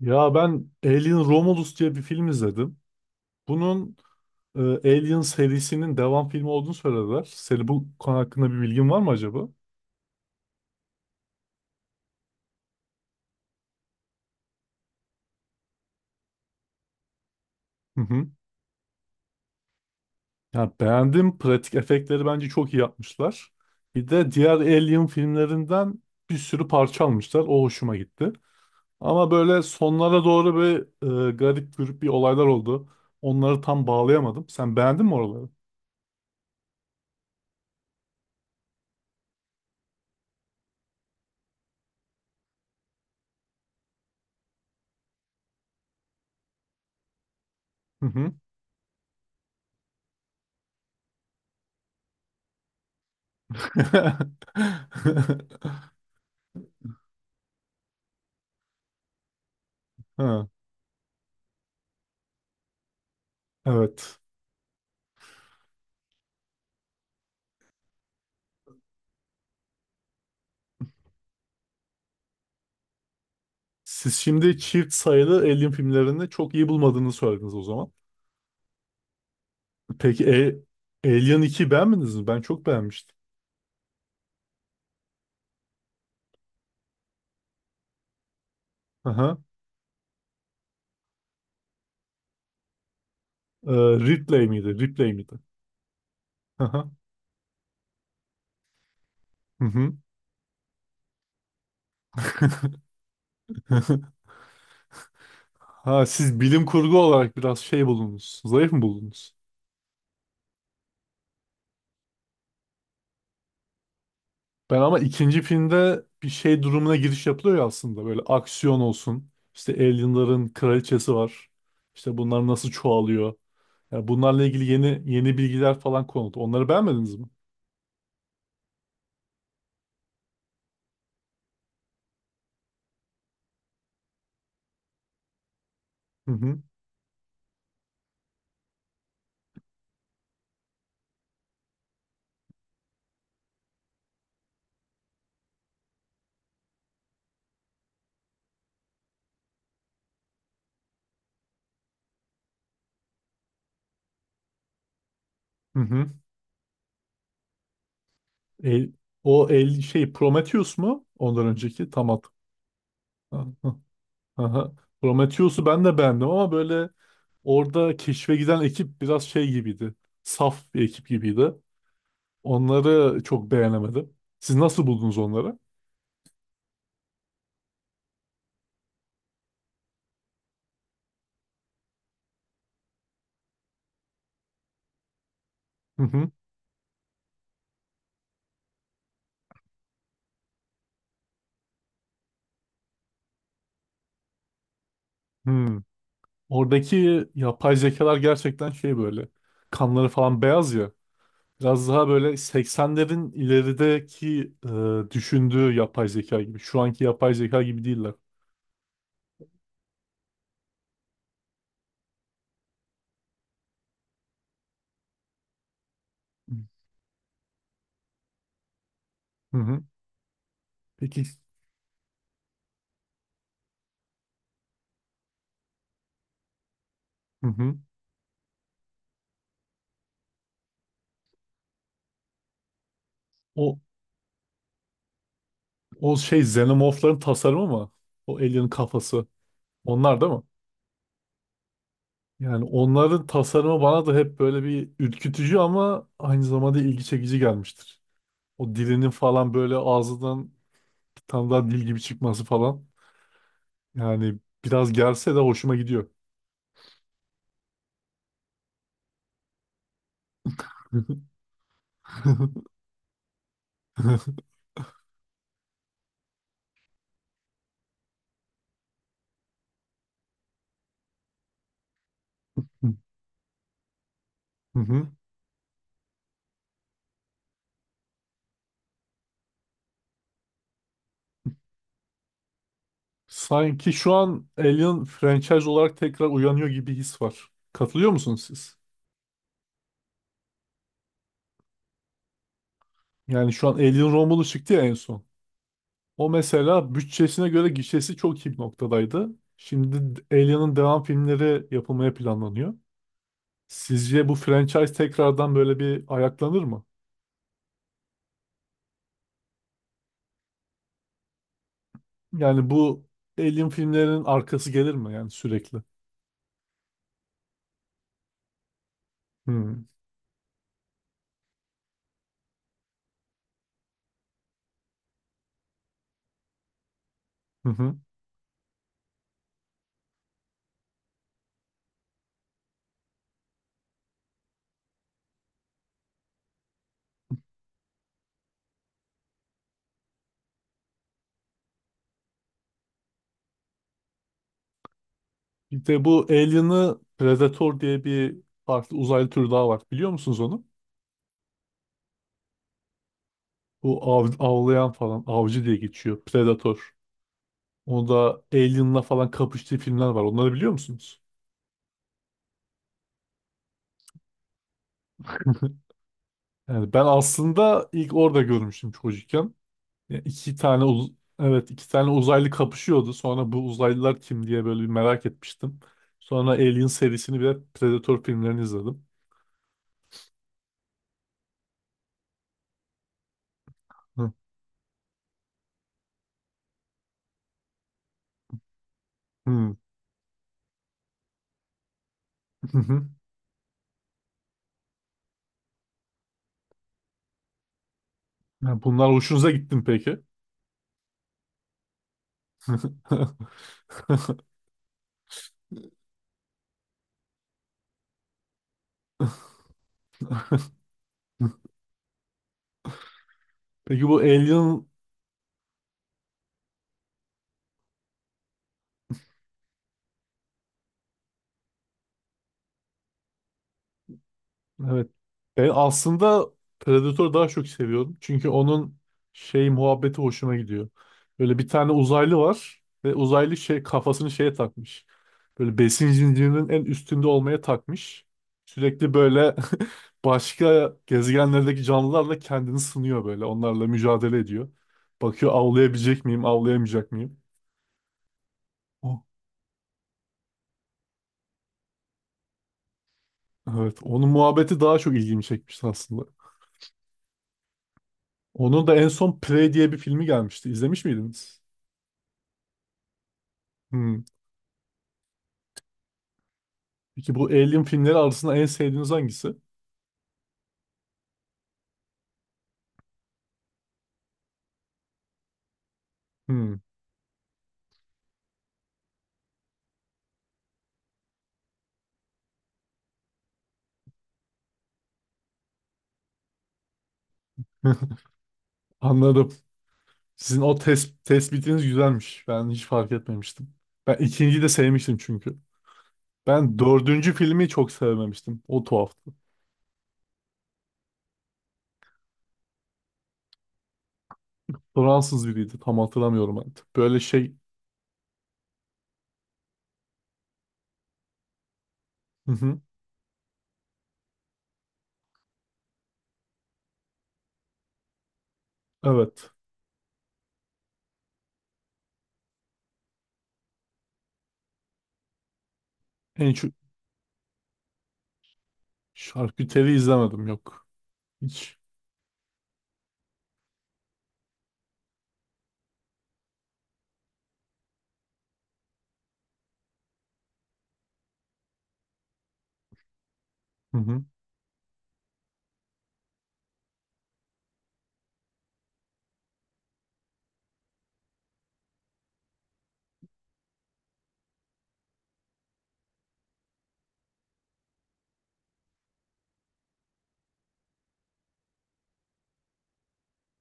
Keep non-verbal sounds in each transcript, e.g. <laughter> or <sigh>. Ya ben Alien Romulus diye bir film izledim. Bunun Alien serisinin devam filmi olduğunu söylediler. Seni bu konu hakkında bir bilgin var mı acaba? Hı hı. Ya beğendim. Pratik efektleri bence çok iyi yapmışlar. Bir de diğer Alien filmlerinden bir sürü parça almışlar. O hoşuma gitti. Ama böyle sonlara doğru bir garip grup bir olaylar oldu. Onları tam bağlayamadım. Sen beğendin mi oraları? Hı hı. <laughs> Ha, evet. Siz şimdi çift sayılı Alien filmlerini çok iyi bulmadığını söylediniz o zaman. Peki Alien 2 beğenmediniz mi? Ben çok beğenmiştim. Aha. Ee, Ripley miydi? Ripley miydi? Aha. Hı hı. <laughs> Ha, siz bilim kurgu olarak biraz şey buldunuz. Zayıf mı buldunuz? Ben ama ikinci filmde bir şey durumuna giriş yapılıyor ya aslında. Böyle aksiyon olsun. İşte alienların kraliçesi var. İşte bunlar nasıl çoğalıyor. Yani bunlarla ilgili yeni yeni bilgiler falan konuldu. Onları beğenmediniz mi? Hı hı. Hı hı. El, el şey Prometheus mu? Ondan önceki tam at. Ha, ha, ha, ha. Prometheus'u ben de beğendim ama böyle orada keşfe giden ekip biraz şey gibiydi. Saf bir ekip gibiydi. Onları çok beğenemedim. Siz nasıl buldunuz onları? Hı hı. Hmm. Oradaki yapay zekalar gerçekten şey böyle. Kanları falan beyaz ya. Biraz daha böyle 80'lerin ilerideki düşündüğü yapay zeka gibi. Şu anki yapay zeka gibi değiller. Hı hı. Peki. Hı hı. O o şey Xenomorph'ların tasarımı mı? O alien kafası. Onlar değil mi? Yani onların tasarımı bana da hep böyle bir ürkütücü ama aynı zamanda ilgi çekici gelmiştir. O dilinin falan böyle ağzından bir tane daha dil gibi çıkması falan. Yani biraz gelse de hoşuma gidiyor. <laughs> Hı hı. Sanki şu an Alien franchise olarak tekrar uyanıyor gibi his var. Katılıyor musunuz siz? Yani şu an Alien Romulus çıktı ya en son. O mesela bütçesine göre gişesi çok iyi bir noktadaydı. Şimdi Alien'ın devam filmleri yapılmaya planlanıyor. Sizce bu franchise tekrardan böyle bir ayaklanır mı? Yani bu Alien filmlerinin arkası gelir mi yani sürekli? Hmm. Hı hı. Bir de bu Alien'ı Predator diye bir farklı uzaylı türü daha var. Biliyor musunuz onu? Bu av, avlayan falan avcı diye geçiyor. Predator. Onu da Alien'la falan kapıştığı filmler var. Onları biliyor musunuz? <laughs> Yani ben aslında ilk orada görmüştüm çocukken. Ya evet iki tane uzaylı kapışıyordu. Sonra bu uzaylılar kim diye böyle bir merak etmiştim. Sonra Alien serisini ve Predator filmlerini izledim. Hı. Hı. <laughs> Ya bunlar hoşunuza gittin peki? <laughs> Peki bu Alien evet. Ben aslında Predator'u daha çok seviyorum. Çünkü onun şey muhabbeti hoşuma gidiyor. Böyle bir tane uzaylı var ve uzaylı şey kafasını şeye takmış. Böyle besin zincirinin en üstünde olmaya takmış. Sürekli böyle <laughs> başka gezegenlerdeki canlılarla kendini sınıyor böyle. Onlarla mücadele ediyor. Bakıyor avlayabilecek miyim, avlayamayacak mıyım? O- Evet, onun muhabbeti daha çok ilgimi çekmişti aslında. Onun da en son Prey diye bir filmi gelmişti. İzlemiş miydiniz? Hmm. Peki bu Alien filmleri arasında en sevdiğiniz hangisi? Hmm. <laughs> Anladım. Sizin o tes tespitiniz güzelmiş. Ben hiç fark etmemiştim. Ben ikinciyi de sevmiştim çünkü. Ben dördüncü filmi çok sevmemiştim. O tuhaftı. Fransız biriydi. Tam hatırlamıyorum artık. Böyle şey... Hı hı. Evet. En şu şarküteri izlemedim. Yok. Hiç. Hı hı.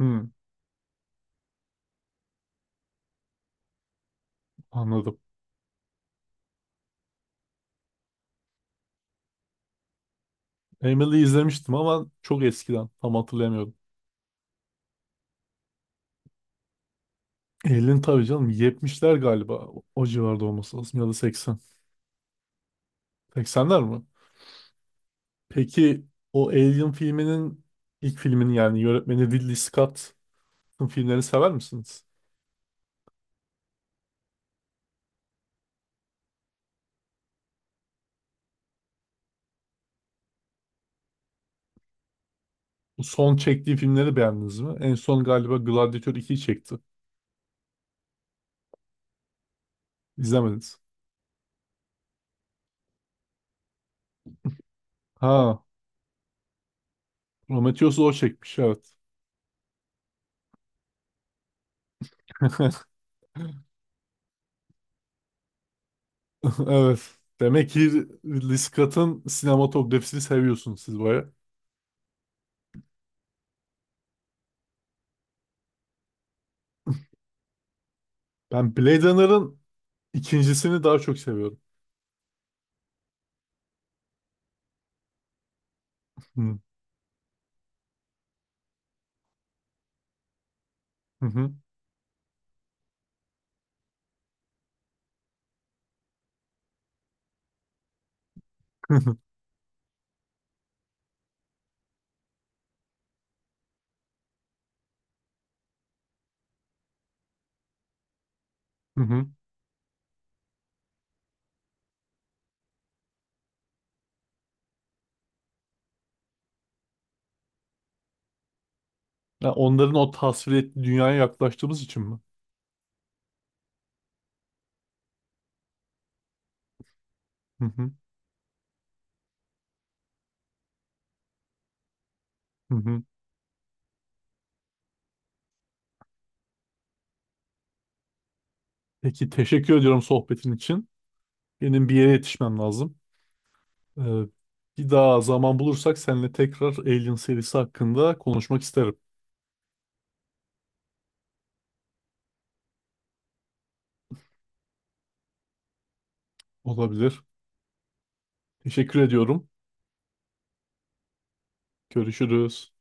Hı. Anladım. Emily'yi izlemiştim ama çok eskiden. Tam hatırlayamıyorum. Elin tabii canım. 70'ler galiba. O civarda olması lazım. Ya da 80. 80'ler mi? Peki o Alien filminin ilk filminin yani yönetmeni Ridley Scott'ın filmlerini sever misiniz? Bu son çektiği filmleri beğendiniz mi? En son galiba Gladiator ikiyi çekti. İzlemediniz. Ha, Prometheus'u o çekmiş evet. <laughs> Evet. Demek ki Ridley Scott'ın sinematografisini seviyorsunuz siz baya. Ben Blade Runner'ın ikincisini daha çok seviyorum. Hı hı hı <laughs> hı. Hı. Ya onların o tasvir ettiği dünyaya yaklaştığımız için mi? Hı hı hı hı. Peki teşekkür ediyorum sohbetin için. Benim bir yere yetişmem lazım. Ee, bir daha zaman bulursak seninle tekrar Alien serisi hakkında konuşmak isterim. Olabilir. Teşekkür ediyorum. Görüşürüz.